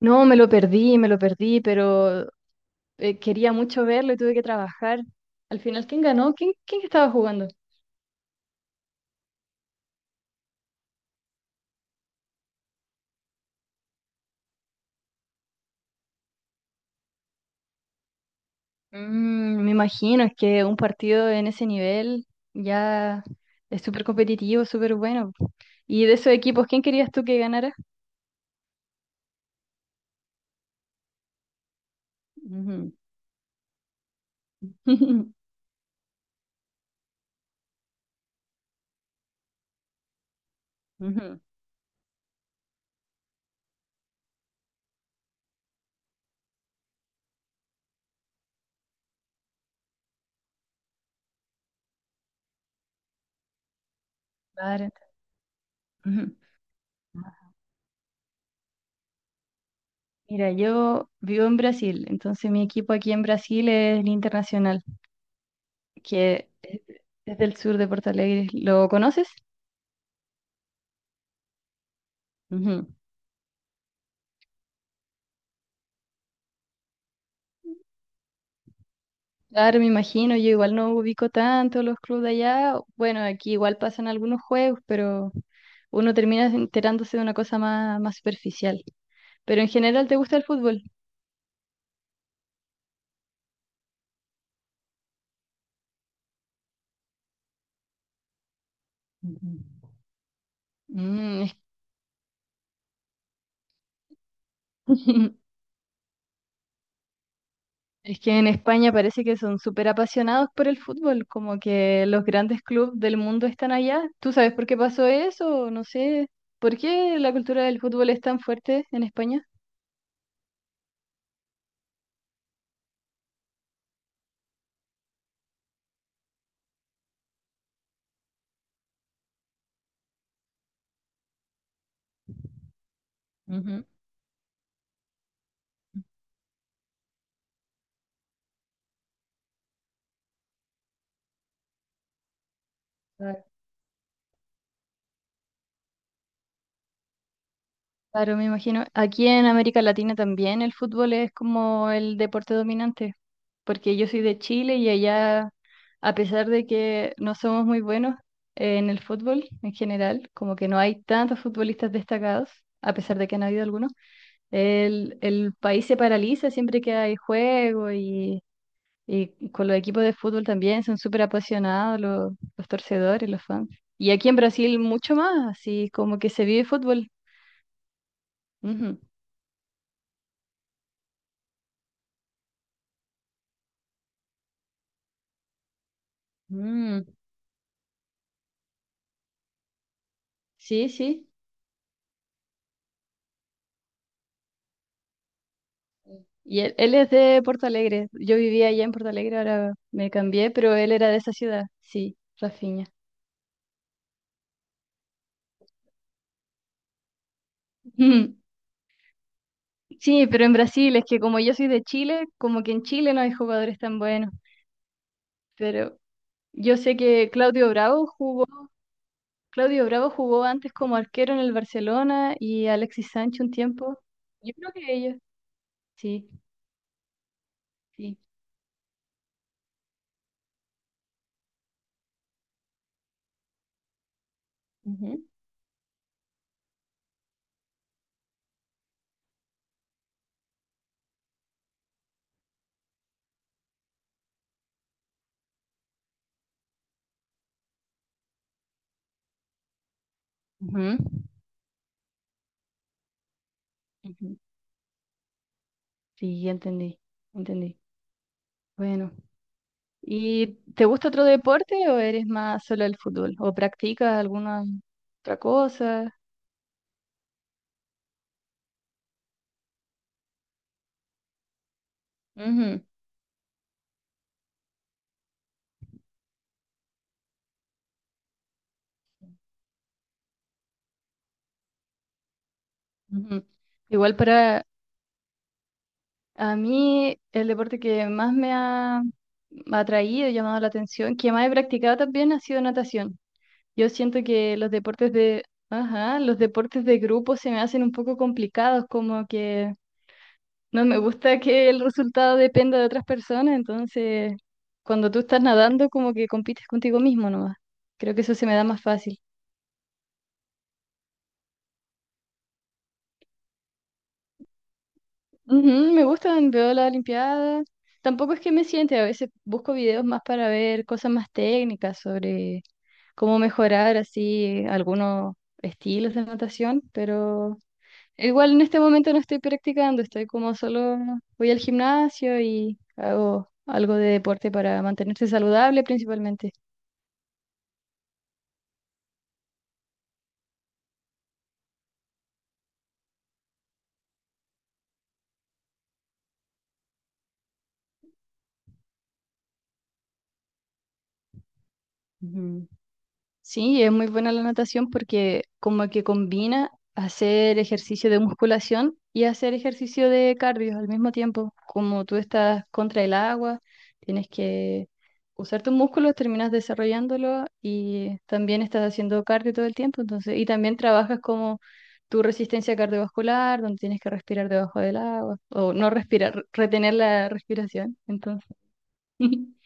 No, me lo perdí, pero quería mucho verlo y tuve que trabajar. Al final, ¿quién ganó? ¿Quién estaba jugando? Mm, me imagino, es que un partido en ese nivel ya es súper competitivo, súper bueno. ¿Y de esos equipos, quién querías tú que ganara? Ujú. Ujú. Claro, ujú. Mira, yo vivo en Brasil, entonces mi equipo aquí en Brasil es el Internacional, que es del sur de Porto Alegre. ¿Lo conoces? Ujú. Claro, me imagino, yo igual no ubico tanto los clubes de allá. Bueno, aquí igual pasan algunos juegos, pero uno termina enterándose de una cosa más superficial. Pero en general, ¿te gusta el fútbol? Ujú. Mm, es. Es que en España parece que son súper apasionados por el fútbol, como que los grandes clubes del mundo están allá. ¿Tú sabes por qué pasó eso? No sé. ¿Por qué la cultura del fútbol es tan fuerte en España? Ujú. Claro, me imagino. Aquí en América Latina también el fútbol es como el deporte dominante, porque yo soy de Chile y allá, a pesar de que no somos muy buenos en el fútbol en general, como que no hay tantos futbolistas destacados, a pesar de que han habido algunos, el país se paraliza siempre que hay juego y con los equipos de fútbol también son súper apasionados los torcedores, los fans. Y aquí en Brasil mucho más, así como que se vive fútbol. Ujú. Mm. Sí, sí. Y él es de Porto Alegre. Yo vivía allá en Porto Alegre, ahora me cambié, pero él era de esa ciudad. Sí, Rafinha. Mm. Sí, pero en Brasil es que como yo soy de Chile, como que en Chile no hay jugadores tan buenos. Pero yo sé que Claudio Bravo jugó antes como arquero en el Barcelona y Alexis Sánchez un tiempo. Yo creo que ellos. Sí, sí. Ujú. Ujú, ujú. Sí, ya entendí, entendí. Bueno, ¿y te gusta otro deporte o eres más solo el fútbol? ¿O practicas alguna otra cosa? Ujú, ujú. Igual para a mí el deporte que más me ha atraído, llamado la atención, que más he practicado también ha sido natación. Yo siento que los deportes de, ajá, los deportes de grupo se me hacen un poco complicados, como que no me gusta que el resultado dependa de otras personas, entonces cuando tú estás nadando como que compites contigo mismo nomás. Creo que eso se me da más fácil. Ujú, me gustan, veo las Olimpiadas. Tampoco es que me siente, a veces busco videos más para ver cosas más técnicas sobre cómo mejorar así algunos estilos de natación, pero igual en este momento no estoy practicando, estoy como solo voy al gimnasio y hago algo de deporte para mantenerse saludable principalmente. Ujú. Sí, es muy buena la natación porque como que combina hacer ejercicio de musculación y hacer ejercicio de cardio al mismo tiempo. Como tú estás contra el agua, tienes que usar tus músculos, terminas desarrollándolo y también estás haciendo cardio todo el tiempo. Entonces, y también trabajas como tu resistencia cardiovascular, donde tienes que respirar debajo del agua o no respirar, retener la respiración. Entonces,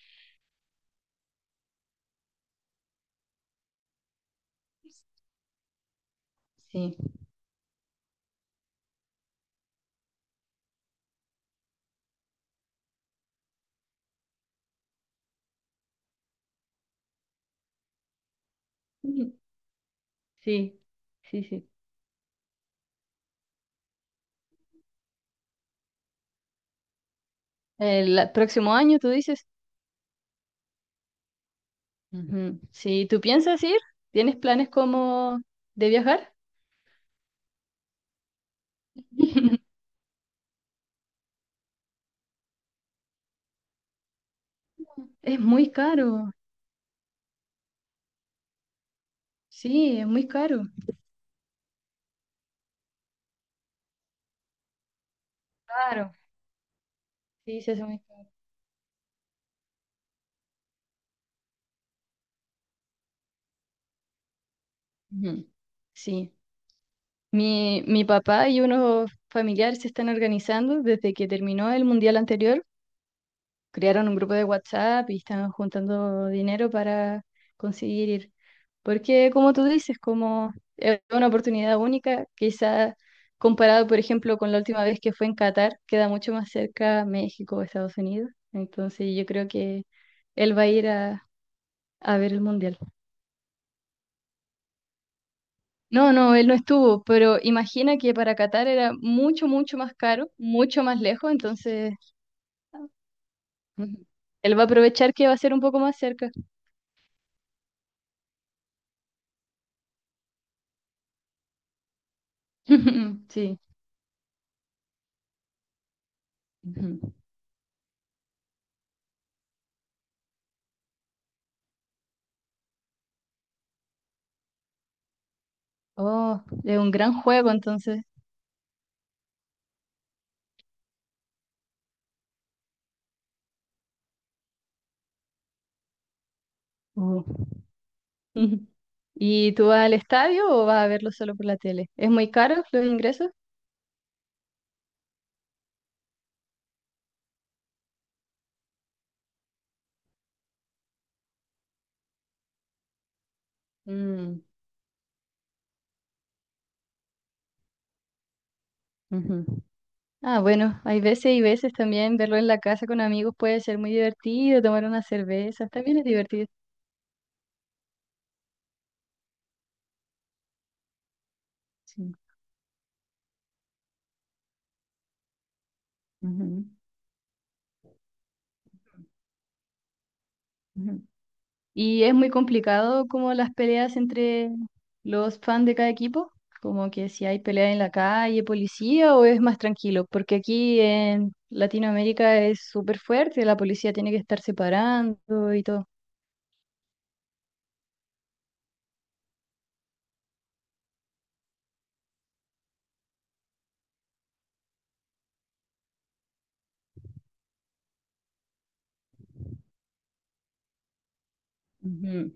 sí. Sí, sí, sí. El a- próximo año, tú dices. Ujú. Si tú piensas ir, ¿tienes planes como de viajar? Es muy caro. Sí, es muy caro. Claro. Sí, se hace muy caro. Ujú. Sí. Mi papá y unos familiares se están organizando desde que terminó el mundial anterior. Crearon un grupo de WhatsApp y están juntando dinero para conseguir ir. Porque como tú dices, como es una oportunidad única, quizá comparado, por ejemplo, con la última vez que fue en Qatar, queda mucho más cerca México o Estados Unidos. Entonces yo creo que él va a ir a ver el Mundial. No, no, él no estuvo, pero imagina que para Qatar era mucho, mucho más caro, mucho más lejos, entonces ujú, él va a aprovechar que va a ser un poco más cerca. Sí. Ujú. Oh, es un gran juego entonces. Uh. Ujú. ¿Y tú vas al estadio o vas a verlo solo por la tele? ¿Es muy caro los ingresos? Mm, ujú. Ah, bueno, hay veces y veces también verlo en la casa con amigos puede ser muy divertido, tomar unas cervezas, también es divertido. Sí. Ujú, ujú. ¿Y es muy complicado como las peleas entre los fans de cada equipo? Como que si hay pelea en la calle, policía, o es más tranquilo, porque aquí en Latinoamérica es súper fuerte, la policía tiene que estar separando y todo. Ujú.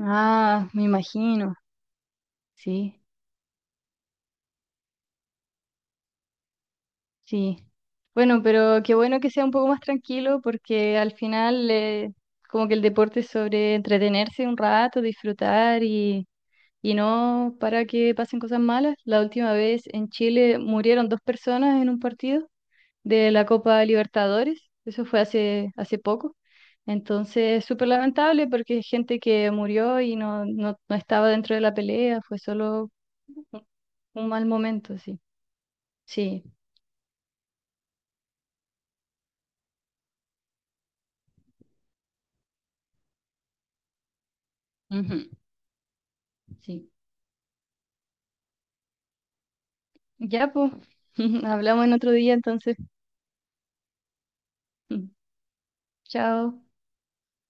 Ah, me imagino, sí, sí. Bueno, pero qué bueno que sea un poco más tranquilo porque al final como que el deporte es sobre entretenerse un rato, disfrutar y no para que pasen cosas malas. La última vez en Chile murieron 2 personas en un partido de la Copa Libertadores, eso fue hace, hace poco. Entonces, súper lamentable porque gente que murió y no, no, no estaba dentro de la pelea, fue solo Un un mal momento, sí. Sí. Ujú. Sí, ya pues. Hablamos en otro día entonces. Chao.